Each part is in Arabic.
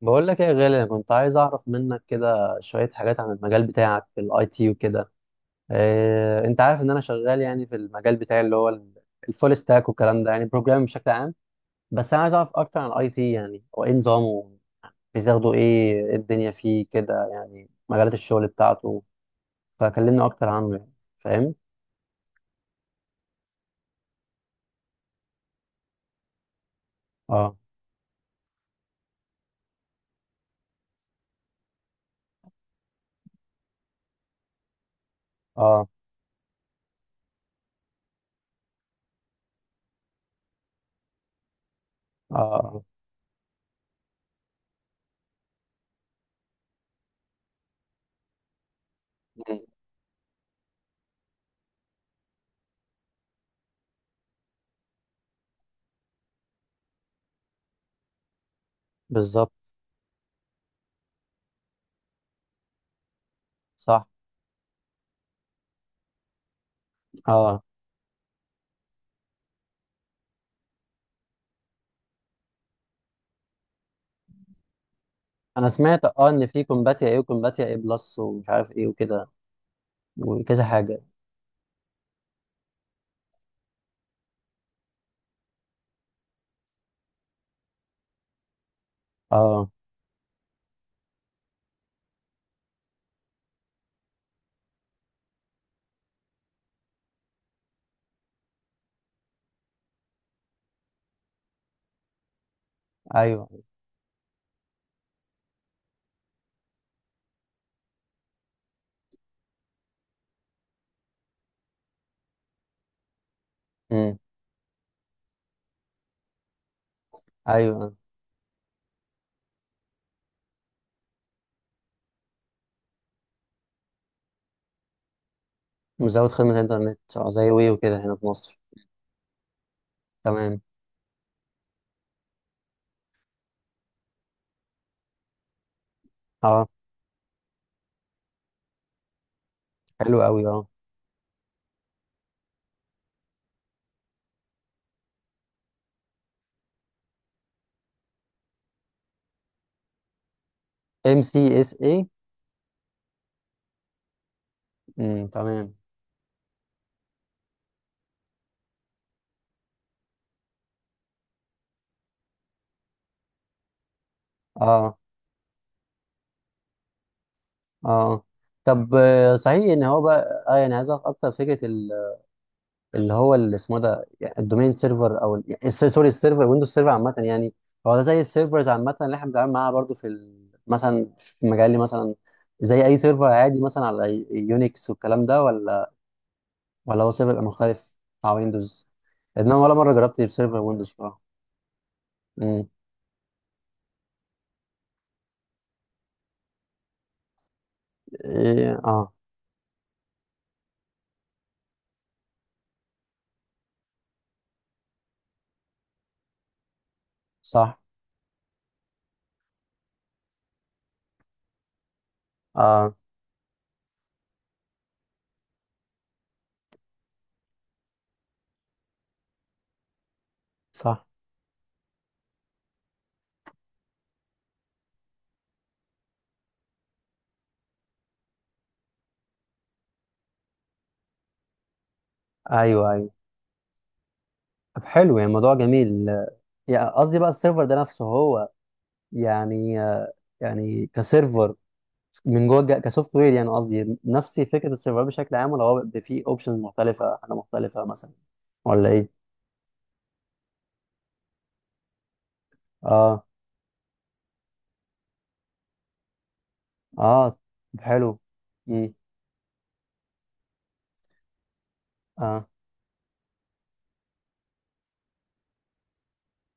بقول لك ايه يا غالي، انا كنت عايز اعرف منك كده شويه حاجات عن المجال بتاعك في الاي تي وكده. إيه، انت عارف ان انا شغال يعني في المجال بتاعي اللي هو الفول ستاك والكلام ده، يعني بروجرامنج بشكل عام. بس انا عايز اعرف اكتر عن الاي تي، يعني هو ايه نظامه؟ بتاخده ايه؟ إيه الدنيا فيه كده يعني مجالات الشغل بتاعته؟ فكلمني اكتر عنه يعني. فاهم؟ اه. اه. اه. آه. مم. بالظبط. صح. اه. انا سمعت اه ان في كومباتيا ايه وكومباتيا ايه بلس ومش عارف ايه وكده وكذا حاجه. اه. ايوه. امم ايوه، مزود خدمه انترنت، اه، زي وي وكده هنا في مصر. تمام. اه. حلو قوي. اه. ام سي اس اي. تمام. اه. اه. آه. طب صحيح ان هو بقى اه يعني عايز اعرف اكتر فكره اللي هو اللي اسمه ده، يعني الدومين سيرفر او يعني سوري، السيرفر، ويندوز سيرفر عامه يعني. هو ده زي السيرفرز عامه اللي احنا بنتعامل معاها برضو في مثلا في مجالي مثلا؟ زي اي سيرفر عادي مثلا على يونكس والكلام ده، ولا هو سيرفر يبقى مختلف بتاع ويندوز؟ انما ولا مره جربت بسيرفر ويندوز بصراحه. امم. إيه. اه. صح. اه. صح. ايوه، ايوه. طب حلو يعني الموضوع جميل. يعني قصدي بقى السيرفر ده نفسه هو، يعني يعني كسيرفر، من جوه كسوفت وير، يعني قصدي نفس فكره السيرفر بشكل عام، ولا هو بيبقى فيه اوبشنز مختلفه، حاجه مختلفه مثلا، ولا ايه؟ اه. اه، طب حلو. امم. اه،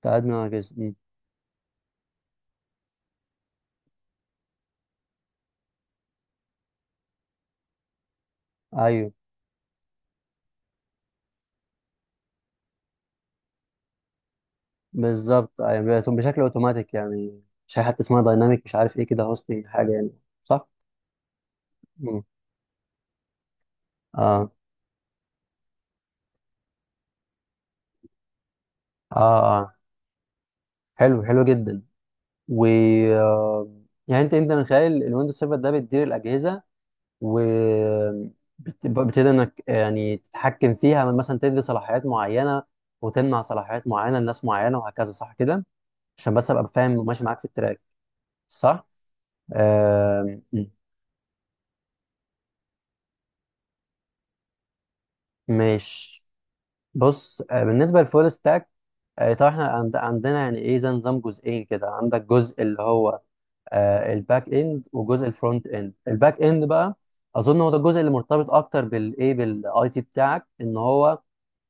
كادمن على جزء. امم. ايوه، بالظبط يعني بيبقى بشكل اوتوماتيك يعني. مش حاجه حتى اسمها دايناميك مش عارف ايه كده، هوستنج حاجه يعني؟ صح. مم. اه. اه. اه، حلو حلو جدا. و آه، يعني انت انت من خلال الويندوز سيرفر ده بتدير الاجهزه، و بتقدر انك يعني تتحكم فيها مثلا، تدي صلاحيات معينه وتمنع صلاحيات معينه لناس معينه وهكذا، صح كده؟ عشان بس ابقى فاهم وماشي معاك في التراك. صح. آه، ماشي. بص، بالنسبه للفول ستاك، طبعا احنا عندنا يعني ايه زي نظام جزئين كده، عندك جزء اللي هو الباك اند وجزء الفرونت اند. الباك اند بقى اظن هو ده الجزء اللي مرتبط اكتر بالايه، بالاي تي بتاعك، ان هو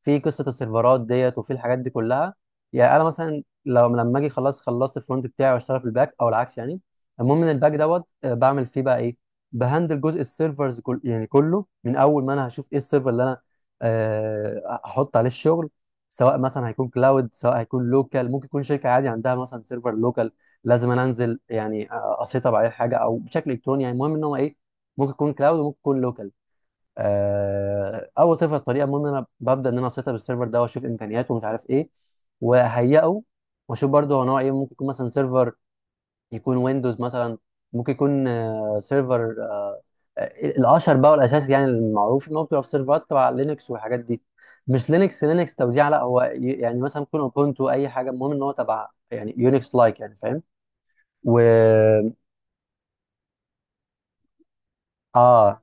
في قصه السيرفرات ديت، وفي الحاجات دي كلها. يعني انا مثلا لو لما اجي خلاص خلصت الفرونت بتاعي واشتغل في الباك او العكس يعني. المهم ان الباك دوت بعمل فيه بقى ايه؟ بهندل جزء السيرفرز كل يعني كله، من اول ما انا هشوف ايه السيرفر اللي انا احط عليه الشغل، سواء مثلا هيكون كلاود سواء هيكون لوكال، ممكن يكون شركه عادي عندها مثلا سيرفر لوكال لازم انا انزل يعني اسيطر عليه حاجه، او بشكل الكتروني، يعني المهم ان هو ايه، ممكن يكون كلاود وممكن يكون لوكال. اول طريقه الطريقه المهم ان انا ببدا ان انا اسيطر بالسيرفر ده واشوف امكانياته ومش عارف ايه، واهيئه، واشوف برضه هو نوع ايه، ممكن يكون مثلا سيرفر يكون ويندوز مثلا، ممكن يكون سيرفر الاشهر بقى والاساسي، يعني المعروف ان هو بتبقى في سيرفرات تبع لينكس والحاجات دي. مش لينكس، لينكس توزيع، لا هو يعني مثلا يكون اوبونتو اي حاجه، المهم ان هو تبع يعني يونكس لايك، يعني فاهم؟ و اه.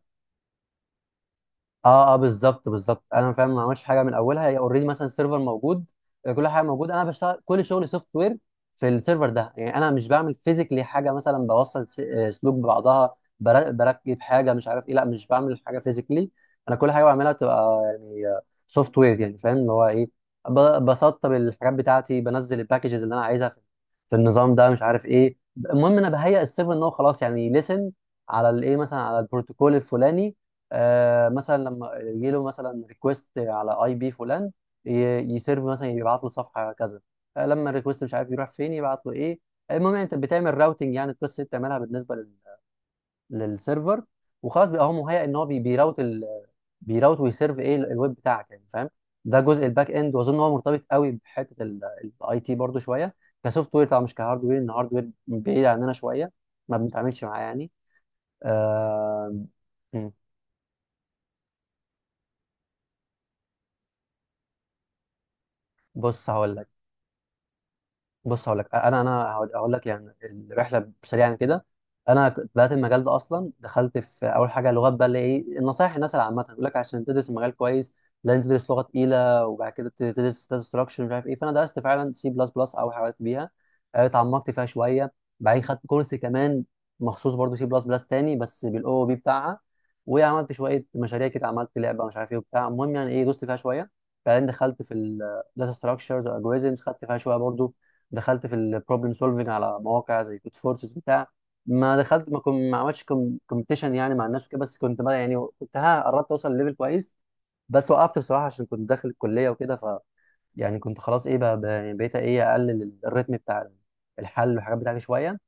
اه. اه، بالظبط بالظبط انا فاهم. ما عملش حاجه من اولها، هي اوريدي مثلا السيرفر موجود. كل حاجه موجوده، انا بشتغل كل شغلي سوفت وير في السيرفر ده. يعني انا مش بعمل فيزيكلي حاجه، مثلا بوصل سلوك ببعضها، بركب حاجه مش عارف ايه، لا، مش بعمل حاجه فيزيكلي. انا كل حاجه بعملها تبقى يعني سوفت وير، يعني فاهم اللي هو ايه. بسطب الحاجات بتاعتي، بنزل الباكجز اللي انا عايزها في في النظام ده مش عارف ايه. المهم انا بهيئ السيرفر ان هو خلاص يعني ليسن على الايه، مثلا على البروتوكول الفلاني. آه مثلا لما يجي له مثلا ريكوست على اي بي فلان، ي- يسيرف مثلا، يبعت له صفحه كذا. آه لما الريكوست مش عارف يروح فين، يبعت له ايه. المهم انت بتعمل راوتنج يعني، القصه دي بتعملها بالنسبه لل للسيرفر. وخلاص بيبقى هو مهيئ ان هو بيراوت ال بيراوت ويسيرف ايه الويب بتاعك، يعني فاهم. ده جزء الباك اند، واظن هو مرتبط قوي بحته الاي تي برضو شويه، كسوفت وير طبعا، مش كهارد وير، ان هارد وير بعيد عننا شويه، ما بنتعاملش معاه يعني. آه... م. بص هقول لك. بص هقول لك، انا هقول لك يعني الرحله سريعا كده. انا كنت بدات المجال ده اصلا، دخلت في اول حاجه لغات بقى، اللي ايه النصايح الناس العامه يقول لك عشان تدرس المجال كويس لازم تدرس لغه تقيله، وبعد كده تدرس داتا ستراكشر مش عارف ايه. فانا درست فعلا سي بلس بلس او حاجات بيها، اتعمقت فيها شويه. بعدين خدت كورس كمان مخصوص برضو سي بلس بلس تاني، بس بالاو بي بتاعها. وعملت شويه مشاريع كده، عملت لعبه مش عارف ايه وبتاع، المهم يعني ايه دوست فيها شويه. بعدين دخلت في الداتا ستراكشرز والجوريزمز، خدت فيها شويه برضو. دخلت في البروبلم سولفنج على مواقع زي كود فورسز بتاع. ما دخلت، ما كنت، ما عملتش كومبيتيشن يعني مع الناس وكده، بس كنت بقى يعني كنت ها قربت اوصل لليفل كويس. بس وقفت بصراحه عشان كنت داخل الكليه وكده، ف يعني كنت خلاص ايه بقى، يعني بقيت ايه اقلل الريتم بتاع الحل والحاجات بتاعتي شويه.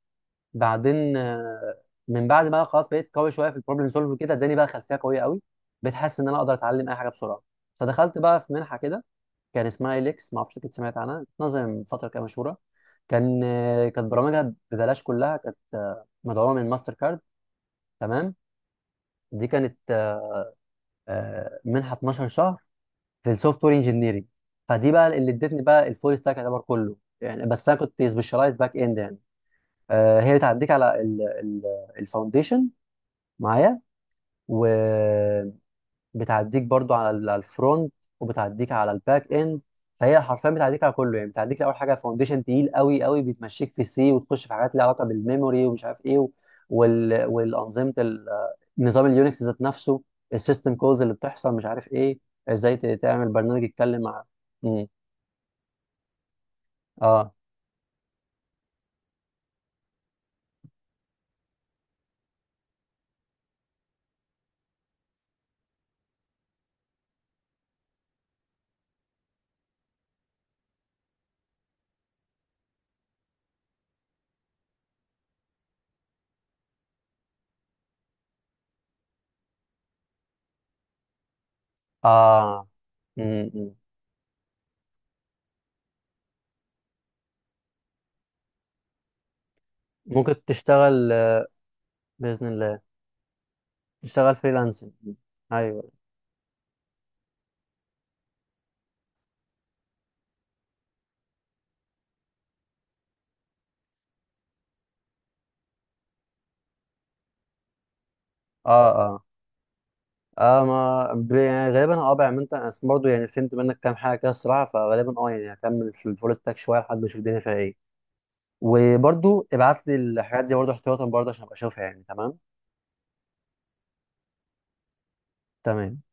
بعدين من بعد ما خلاص بقيت قوي شويه في البروبلم سولف كده، اداني بقى خلفيه قويه قوي، بقيت حاسس ان انا اقدر اتعلم اي حاجه بسرعه. فدخلت بقى في منحه كده، كان اسمها إليكس، ما اعرفش كنت سمعت عنها، نظم من فتره كده مشهوره. كان كانت برامجها ببلاش كلها، كانت مدعومه من ماستر كارد. تمام. دي كانت منحه 12 شهر في السوفت وير انجينيرنج. فدي بقى اللي ادتني بقى الفول ستاك يعتبر كله يعني، بس انا كنت سبيشالايز باك اند يعني. هي بتعديك على الفاونديشن معايا، و بتعديك برضو على على الفرونت، وبتعديك على الباك اند. فهي حرفيا بتعديك على كله يعني، بتعديك اول حاجه فاونديشن تقيل قوي قوي، بتمشيك في سي وتخش في حاجات ليها علاقه بالميموري ومش عارف ايه، وال... والانظمه نظام اليونكس ذات نفسه، السيستم كولز اللي بتحصل مش عارف ايه، ازاي تعمل برنامج يتكلم مع. مم. اه. اه. مم. مم. ممكن تشتغل. باذن الله. تشتغل فريلانسنج. ايوه. اه. اه. اه، ما يعني غالبا اه بعمل انت، أنا برضه يعني فهمت منك كام حاجه كده الصراحه، فغالبا اه يعني هكمل في الفول ستاك شويه لحد ما اشوف الدنيا فيها ايه. وبرضه ابعت لي الحاجات دي برضه احتياطا برضه عشان ابقى اشوفها يعني. تمام. تمام.